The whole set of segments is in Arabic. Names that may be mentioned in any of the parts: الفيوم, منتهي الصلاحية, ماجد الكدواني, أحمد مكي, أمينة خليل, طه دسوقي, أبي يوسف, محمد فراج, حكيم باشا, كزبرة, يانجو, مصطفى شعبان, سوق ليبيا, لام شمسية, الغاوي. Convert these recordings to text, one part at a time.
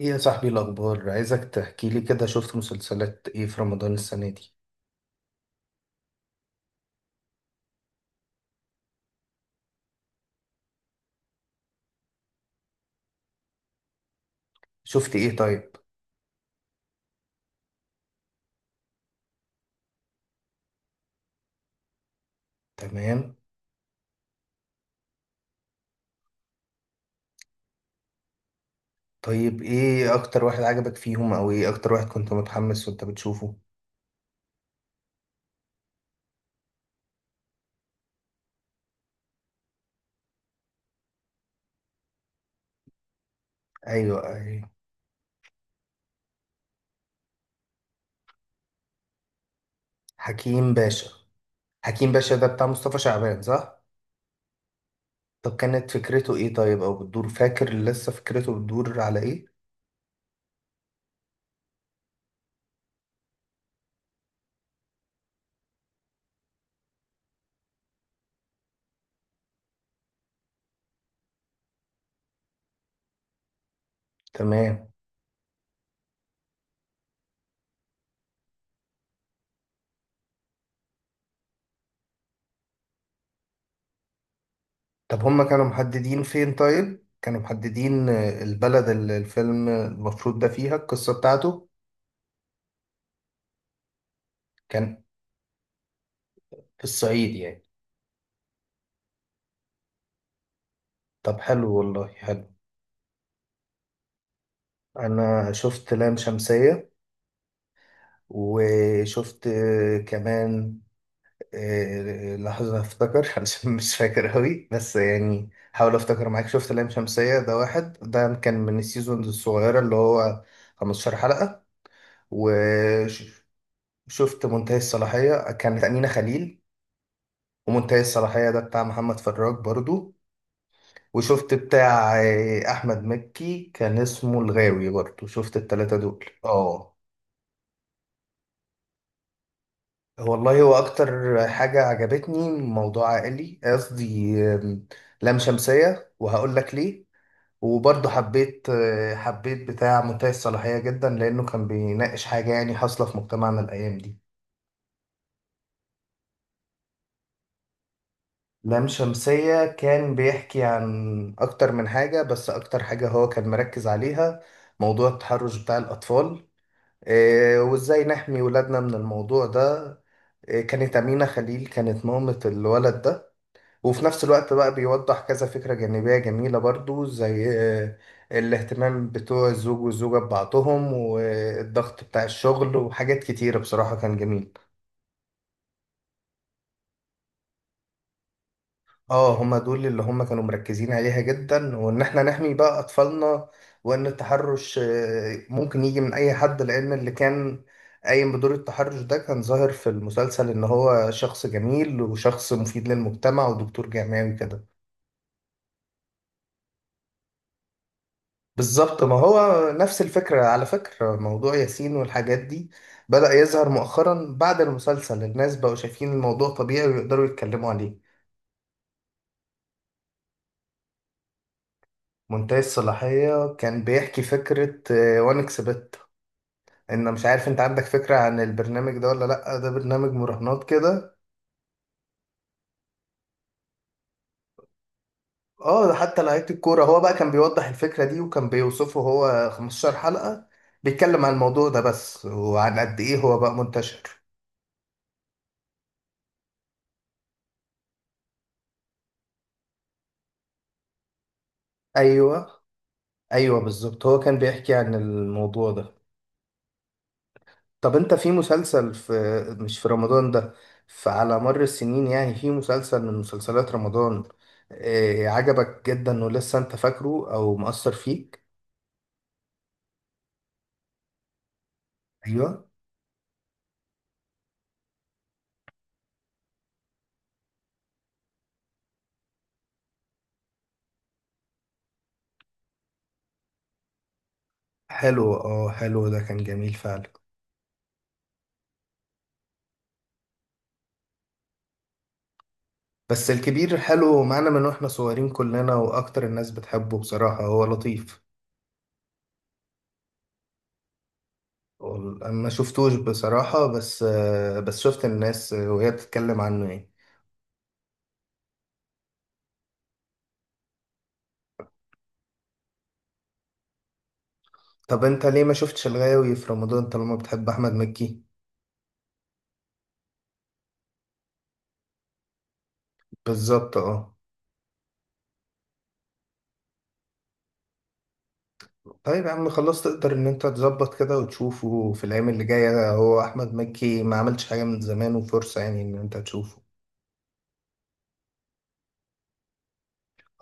ايه يا صاحبي الاخبار، عايزك تحكي لي كده، شفت مسلسلات ايه في رمضان السنه دي؟ شفت ايه طيب؟ تمام. طيب ايه اكتر واحد عجبك فيهم او ايه اكتر واحد كنت متحمس وانت بتشوفه؟ ايوه، ايوه. حكيم باشا. حكيم باشا ده بتاع مصطفى شعبان، صح؟ طب كانت فكرته ايه طيب، او بتدور، فاكر لسه فكرته بتدور على ايه؟ تمام. طب هما كانوا محددين فين، طيب كانوا محددين البلد اللي الفيلم المفروض ده فيها القصه بتاعته؟ كان في الصعيد يعني؟ طب حلو، والله حلو. انا شفت لام شمسية، وشفت كمان لحظة افتكر علشان مش فاكر قوي، بس يعني حاول افتكر معاك. شفت لام شمسية، ده واحد ده كان من السيزونز الصغيرة اللي هو 15 حلقة. وشفت منتهي الصلاحية، كانت أمينة خليل، ومنتهي الصلاحية ده بتاع محمد فراج برضو. وشفت بتاع أحمد مكي كان اسمه الغاوي برضو. شفت التلاتة دول، اه. والله هو اكتر حاجة عجبتني موضوع عائلي، قصدي لام شمسية، وهقول لك ليه. وبرضه حبيت حبيت بتاع منتهي الصلاحية جدا، لانه كان بيناقش حاجة يعني حاصلة في مجتمعنا الايام دي. لام شمسية كان بيحكي عن اكتر من حاجة، بس اكتر حاجة هو كان مركز عليها موضوع التحرش بتاع الاطفال. وازاي نحمي ولادنا من الموضوع ده. كانت أمينة خليل كانت مامة الولد ده. وفي نفس الوقت بقى بيوضح كذا فكرة جانبية جميلة برضو زي آه، الاهتمام بتوع الزوج والزوجة ببعضهم، والضغط بتاع الشغل، وحاجات كتيرة بصراحة كان جميل. اه، هما دول اللي هما كانوا مركزين عليها جدا، وان احنا نحمي بقى اطفالنا. وان التحرش ممكن يجي من اي حد، لان اللي كان قايم بدور التحرش ده كان ظاهر في المسلسل ان هو شخص جميل، وشخص مفيد للمجتمع، ودكتور جامعي وكده. بالظبط، ما هو نفس الفكرة. على فكرة، موضوع ياسين والحاجات دي بدأ يظهر مؤخرا بعد المسلسل، الناس بقوا شايفين الموضوع طبيعي ويقدروا يتكلموا عليه. منتهي الصلاحية كان بيحكي فكرة وانكس بت. ان، مش عارف انت عندك فكرة عن البرنامج ده ولا لأ، ده برنامج مراهنات كده. اه، ده حتى لعيبة الكورة. هو بقى كان بيوضح الفكرة دي، وكان بيوصفه. هو 15 حلقة بيتكلم عن الموضوع ده بس، وعن قد ايه هو بقى منتشر. ايوه، ايوه بالظبط، هو كان بيحكي عن الموضوع ده. طب انت في مسلسل، في، مش في رمضان ده، فعلى مر السنين يعني، في مسلسل من مسلسلات رمضان عجبك جدا ولسه انت فاكره او مؤثر فيك؟ ايوه. حلو، اه، حلو، ده كان جميل فعلا. بس الكبير حلو، معانا من واحنا صغيرين كلنا، واكتر الناس بتحبه بصراحة، هو لطيف. انا ما شفتوش بصراحة، بس بس شفت الناس وهي بتتكلم عنه يعني. طب انت ليه ما شفتش الغاوي في رمضان طالما بتحب احمد مكي؟ بالظبط، اه. طيب يا عم، خلاص، تقدر ان انت تظبط كده وتشوفه في الايام اللي جايه. هو احمد مكي ما عملش حاجه من زمان، وفرصه يعني ان انت تشوفه.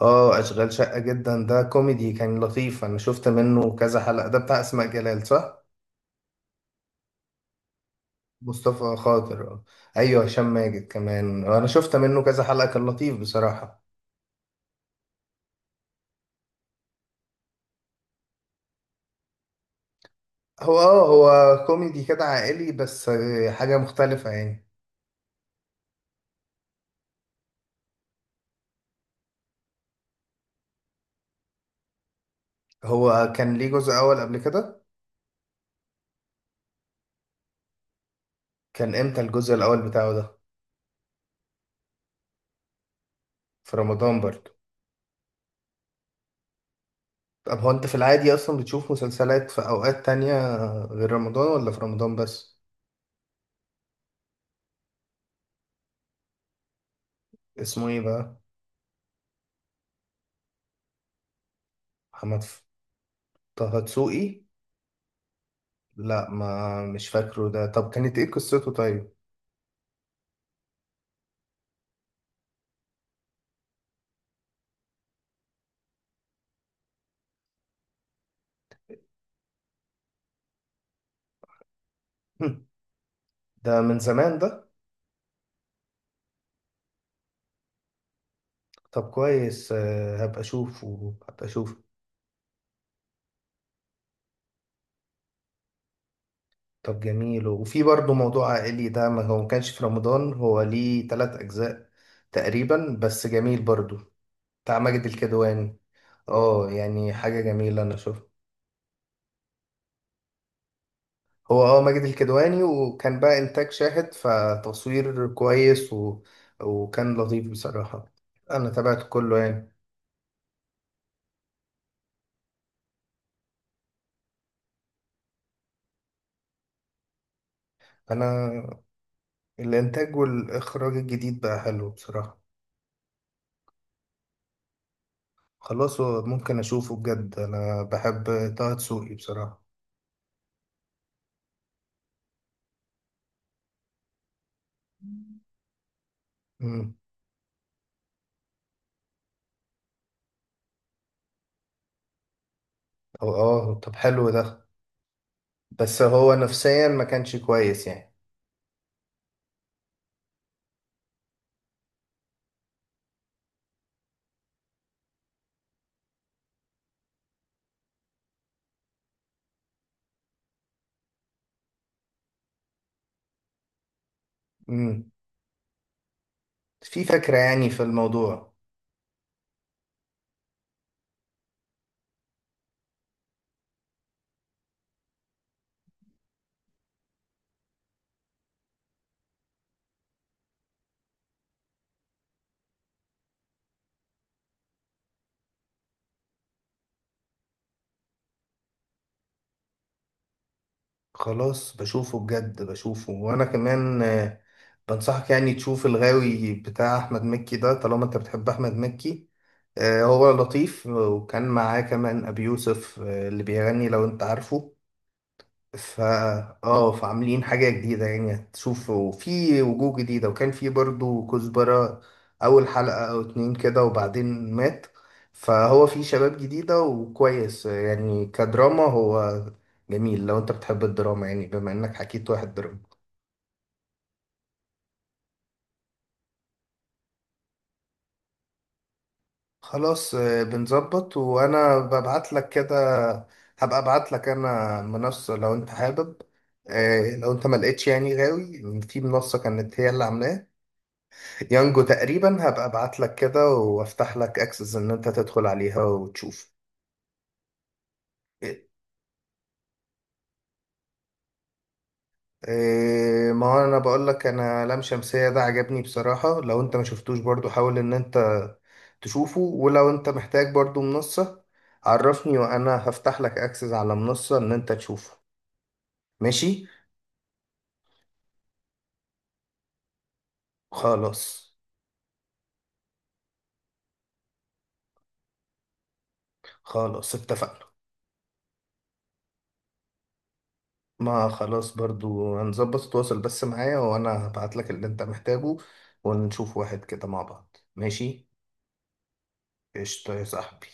اه، اشغال شقه جدا، ده كوميدي كان لطيف. انا شفت منه كذا حلقه، ده بتاع اسماء جلال، صح؟ مصطفى خاطر، اه. ايوه، هشام ماجد كمان، انا شفت منه كذا حلقه، كان لطيف بصراحه. هو كوميدي كده عائلي، بس حاجه مختلفه يعني. هو كان ليه جزء اول قبل كده؟ كان امتى الجزء الاول بتاعه ده؟ في رمضان برضو؟ طب هو انت في العادي اصلا بتشوف مسلسلات في اوقات تانية غير رمضان، ولا في رمضان بس؟ اسمه ايه بقى؟ محمد ف- طه دسوقي؟ لا، ما مش فاكره ده، طب كانت ايه قصته طيب؟ ده من زمان ده. طب كويس، هبقى اشوفه. طب جميل. وفي برضه موضوع عائلي ده، ما هو ما كانش في رمضان، هو ليه تلات اجزاء تقريبا، بس جميل برضو، بتاع ماجد الكدواني. اه، يعني حاجة جميلة، أنا شوف. هو ماجد الكدواني، وكان بقى إنتاج شاهد، فتصوير كويس وكان لطيف بصراحة. أنا تابعت كله يعني. أنا الإنتاج والإخراج الجديد بقى حلو بصراحة. خلاص، هو ممكن أشوفه بجد، أنا بحب طه دسوقي بصراحة. امم. هو طب حلو ده، بس هو نفسيا ما كانش كويس يعني. امم. في فكرة يعني في الموضوع. خلاص بشوفه بجد بشوفه، وانا كمان بنصحك يعني تشوف الغاوي بتاع احمد مكي ده، طالما انت بتحب احمد مكي. هو لطيف، وكان معاه كمان ابي يوسف اللي بيغني لو انت عارفه. ف اه فعاملين حاجة جديدة يعني، هتشوف. وفي وجوه جديدة، وكان في برضو كزبرة أول حلقة أو اتنين كده وبعدين مات. فهو في شباب جديدة وكويس يعني، كدراما هو جميل لو انت بتحب الدراما، يعني بما انك حكيت واحد دراما. خلاص، بنظبط، وانا ببعت لك كده. هبقى ابعت لك انا منصة لو انت حابب. لو انت ما لقيتش يعني غاوي في منصة، كانت هي اللي عاملاها يانجو تقريبا. هبقى ابعت لك كده وافتح لك اكسس ان انت تدخل عليها وتشوف. إيه؟ ما هو انا بقول لك، انا لام شمسية ده عجبني بصراحة، لو انت ما شفتوش برضو حاول ان انت تشوفه. ولو انت محتاج برضو منصة عرفني، وانا هفتح لك اكسس على منصة ان انت تشوفه. ماشي. خلاص. خلاص اتفقنا. ما خلاص، برضو هنظبط، تواصل بس معايا وانا هبعت لك اللي انت محتاجه. ونشوف واحد كده مع بعض، ماشي. قشطة يا صاحبي.